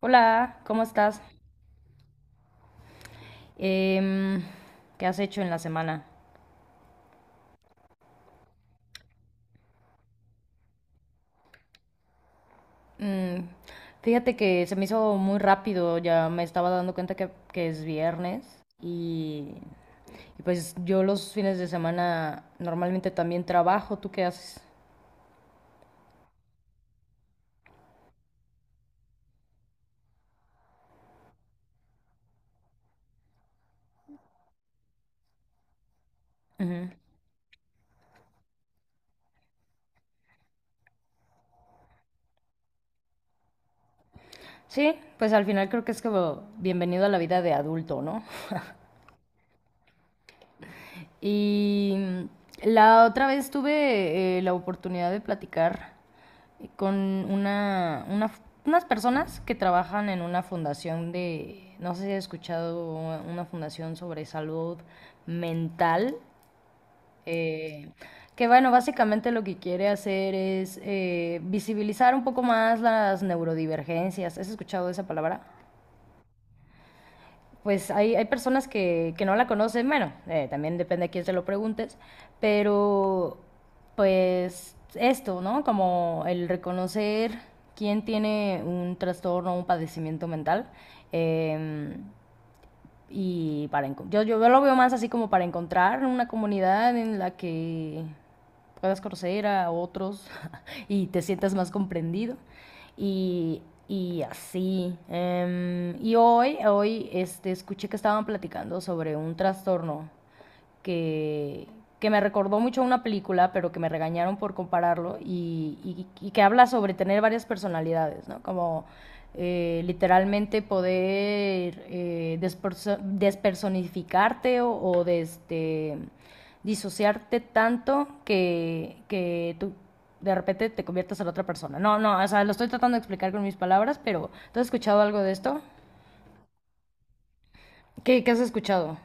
Hola, ¿cómo estás? Em, ¿Qué has hecho en la semana? Mm, fíjate que se me hizo muy rápido, ya me estaba dando cuenta que es viernes y, y pues yo los fines de semana normalmente también trabajo, ¿tú qué haces? Ujú. Sí, pues al final creo que es como bienvenido a la vida de adulto, ¿no? Y la otra vez tuve la oportunidad de platicar con unas personas que trabajan en una fundación de, no sé si has escuchado, una fundación sobre salud mental, eh, que bueno, básicamente lo que quiere hacer es visibilizar un poco más las neurodivergencias. ¿Has escuchado esa palabra? Pues hay personas que no la conocen, bueno, también depende a quién se lo preguntes, pero pues esto, ¿no? Como el reconocer quién tiene un trastorno o un padecimiento mental. em, y para yo lo veo más así como para encontrar una comunidad en la que puedas conocer a otros y te sientas más comprendido. Y, y así. Y hoy escuché que estaban platicando sobre un trastorno que, que me recordó mucho a una película, pero que me regañaron por compararlo, y que habla sobre tener varias personalidades, ¿no? Como literalmente poder despersonificarte o de este, disociarte tanto que tú de repente te conviertas en otra persona. No, no, o sea, lo estoy tratando de explicar con mis palabras, pero ¿tú has escuchado algo de esto? ¿Qué has escuchado?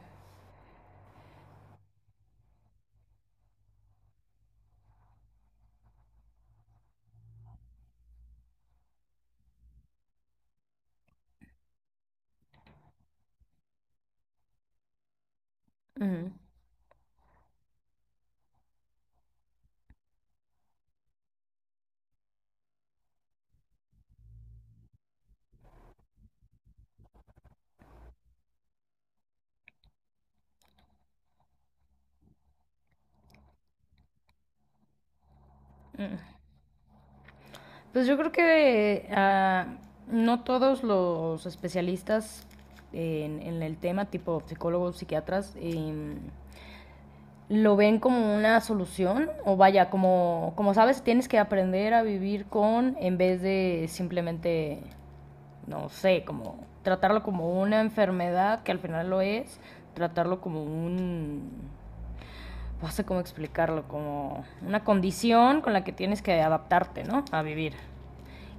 Ujú. Pues yo creo que no todos los especialistas en el tema, tipo psicólogos, psiquiatras, lo ven como una solución o vaya, como, como sabes, tienes que aprender a vivir con en vez de simplemente, no sé, como tratarlo como una enfermedad, que al final lo es, tratarlo como un, no sé cómo explicarlo, como una condición con la que tienes que adaptarte, ¿no? A vivir.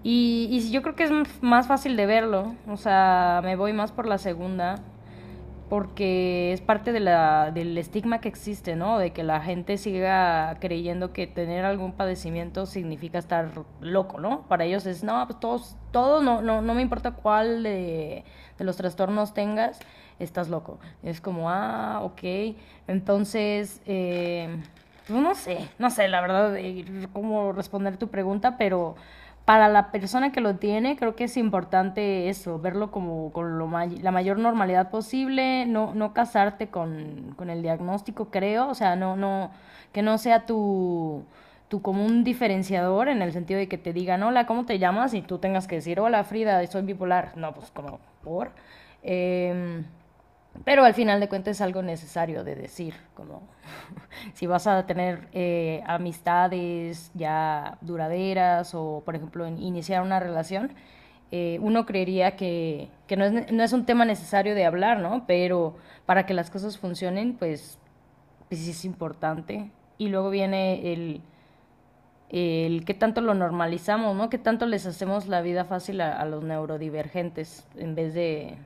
Y sí, yo creo que es más fácil de verlo, o sea, me voy más por la segunda, porque es parte de la, del estigma que existe, ¿no? De que la gente siga creyendo que tener algún padecimiento significa estar loco, ¿no? Para ellos es, no, pues todos, todo, no, no, no me importa cuál de los trastornos tengas, estás loco. Es como, ah, ok. Entonces, pues no sé, no sé, la verdad, cómo responder tu pregunta, pero para la persona que lo tiene, creo que es importante eso, verlo como con lo la mayor normalidad posible, no, no casarte con el diagnóstico, creo, o sea, no, no, que no sea tu común diferenciador en el sentido de que te digan, hola, ¿cómo te llamas? Y tú tengas que decir, hola, Frida, soy bipolar. No, pues como, por. Em, pero al final de cuentas es algo necesario de decir, como si vas a tener amistades ya duraderas o, por ejemplo, en iniciar una relación, uno creería que no, es, no, es, un tema necesario de hablar, ¿no? Pero para que las cosas funcionen, pues, pues sí es importante. Y luego viene el qué tanto lo normalizamos, ¿no? Qué tanto les hacemos la vida fácil a los neurodivergentes en vez de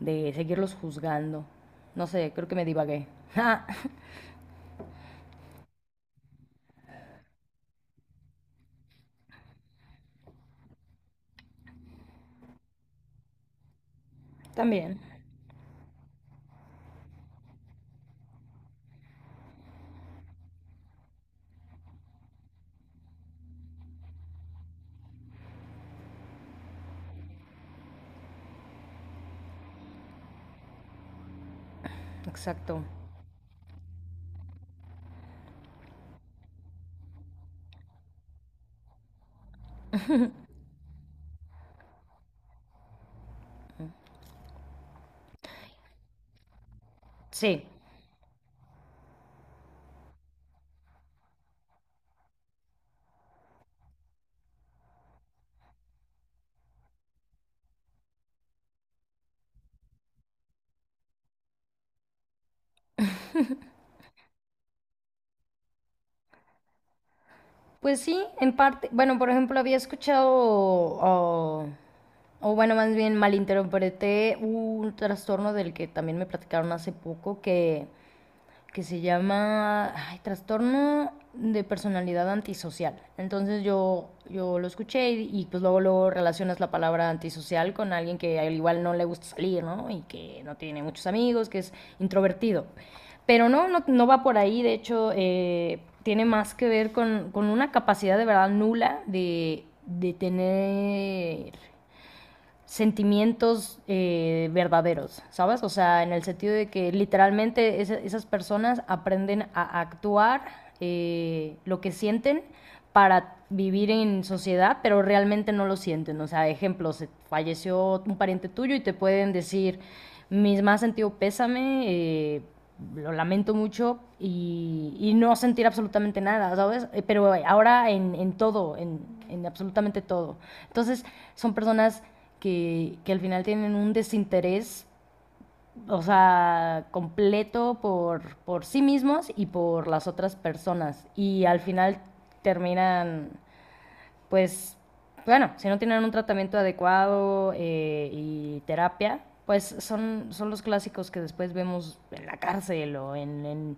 seguirlos juzgando. No sé, creo que me divagué. También, exacto. Sí. Pues sí, en parte, bueno, por ejemplo, había escuchado, o bueno, más bien malinterpreté un trastorno del que también me platicaron hace poco, que se llama ay, Trastorno de Personalidad Antisocial. Entonces yo lo escuché pues luego, luego relacionas la palabra antisocial con alguien que al igual no le gusta salir, ¿no? Y que no tiene muchos amigos, que es introvertido. Pero no, no, no va por ahí, de hecho, tiene más que ver con una capacidad de verdad nula de tener sentimientos verdaderos, ¿sabes? O sea, en el sentido de que literalmente esas personas aprenden a actuar lo que sienten para vivir en sociedad, pero realmente no lo sienten. O sea, ejemplo, se falleció un pariente tuyo y te pueden decir, mis más sentido pésame, lo lamento mucho y no sentir absolutamente nada, ¿sabes? Pero ahora en todo, en absolutamente todo. Entonces, son personas que al final tienen un desinterés, o sea, completo por sí mismos y por las otras personas. Y al final terminan, pues, bueno, si no tienen un tratamiento adecuado y terapia, pues son los clásicos que después vemos en la cárcel o en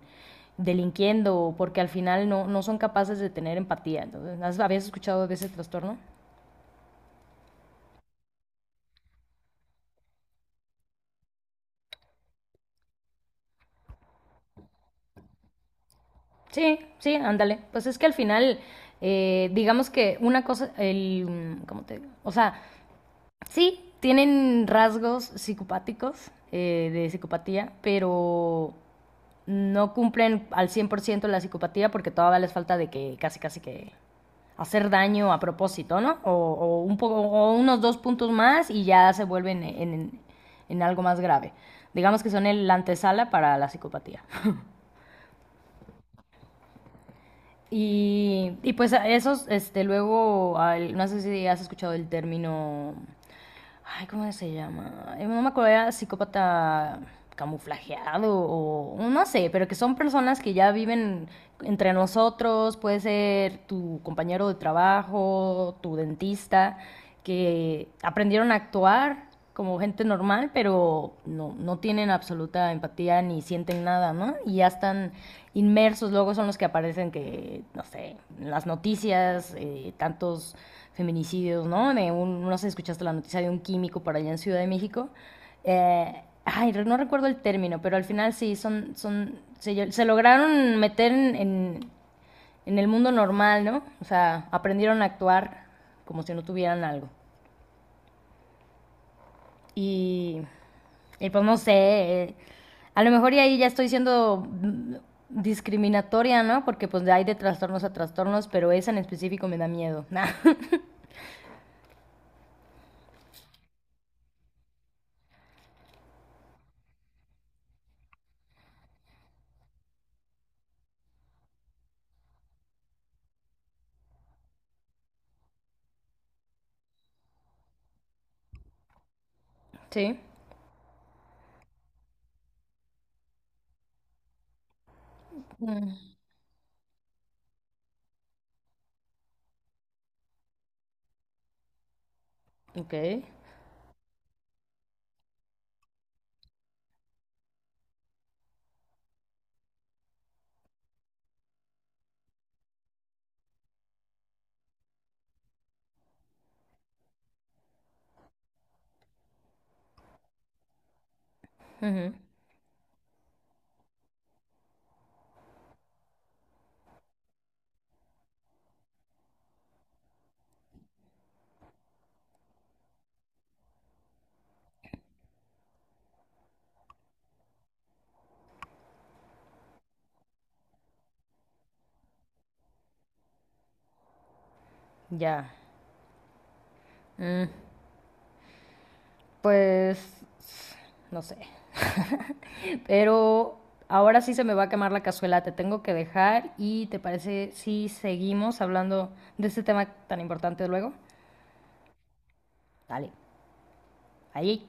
delinquiendo, porque al final no, no son capaces de tener empatía. Entonces, ¿habías escuchado de ese trastorno? Sí, sí, ándale. Pues es que al final, digamos que una cosa, el, ¿cómo te digo? O sea, sí, tienen rasgos psicopáticos de psicopatía, pero no cumplen al 100% la psicopatía porque todavía les falta de que casi, casi que hacer daño a propósito, ¿no? O un poco, o unos dos puntos más y ya se vuelven en algo más grave. Digamos que son el antesala para la psicopatía. Y pues a esos, este, luego, al- no sé si has escuchado el término, ay, ¿cómo se llama? No me acuerdo, era psicópata camuflajeado o no sé, pero que son personas que ya viven entre nosotros, puede ser tu compañero de trabajo, tu dentista, que aprendieron a actuar como gente normal, pero no, no tienen absoluta empatía ni sienten nada, ¿no? Y ya están inmersos, luego son los que aparecen que, no sé, en las noticias, tantos feminicidios, ¿no? De un, no sé, escuchaste la noticia de un químico por allá en Ciudad de México. Ay, no recuerdo el término, pero al final sí, son, son, se lograron meter en el mundo normal, ¿no? O sea, aprendieron a actuar como si no tuvieran algo. Y, y pues no sé, a lo mejor y ahí ya estoy siendo mm, discriminatoria, ¿no? Porque pues hay de trastornos a trastornos, pero esa en específico me da miedo. Sí. Mm. Ok. Ujú. Ya. Mm. Pues no sé. Pero ahora sí se me va a quemar la cazuela, te tengo que dejar y ¿te parece si seguimos hablando de este tema tan importante luego? Dale. Ahí.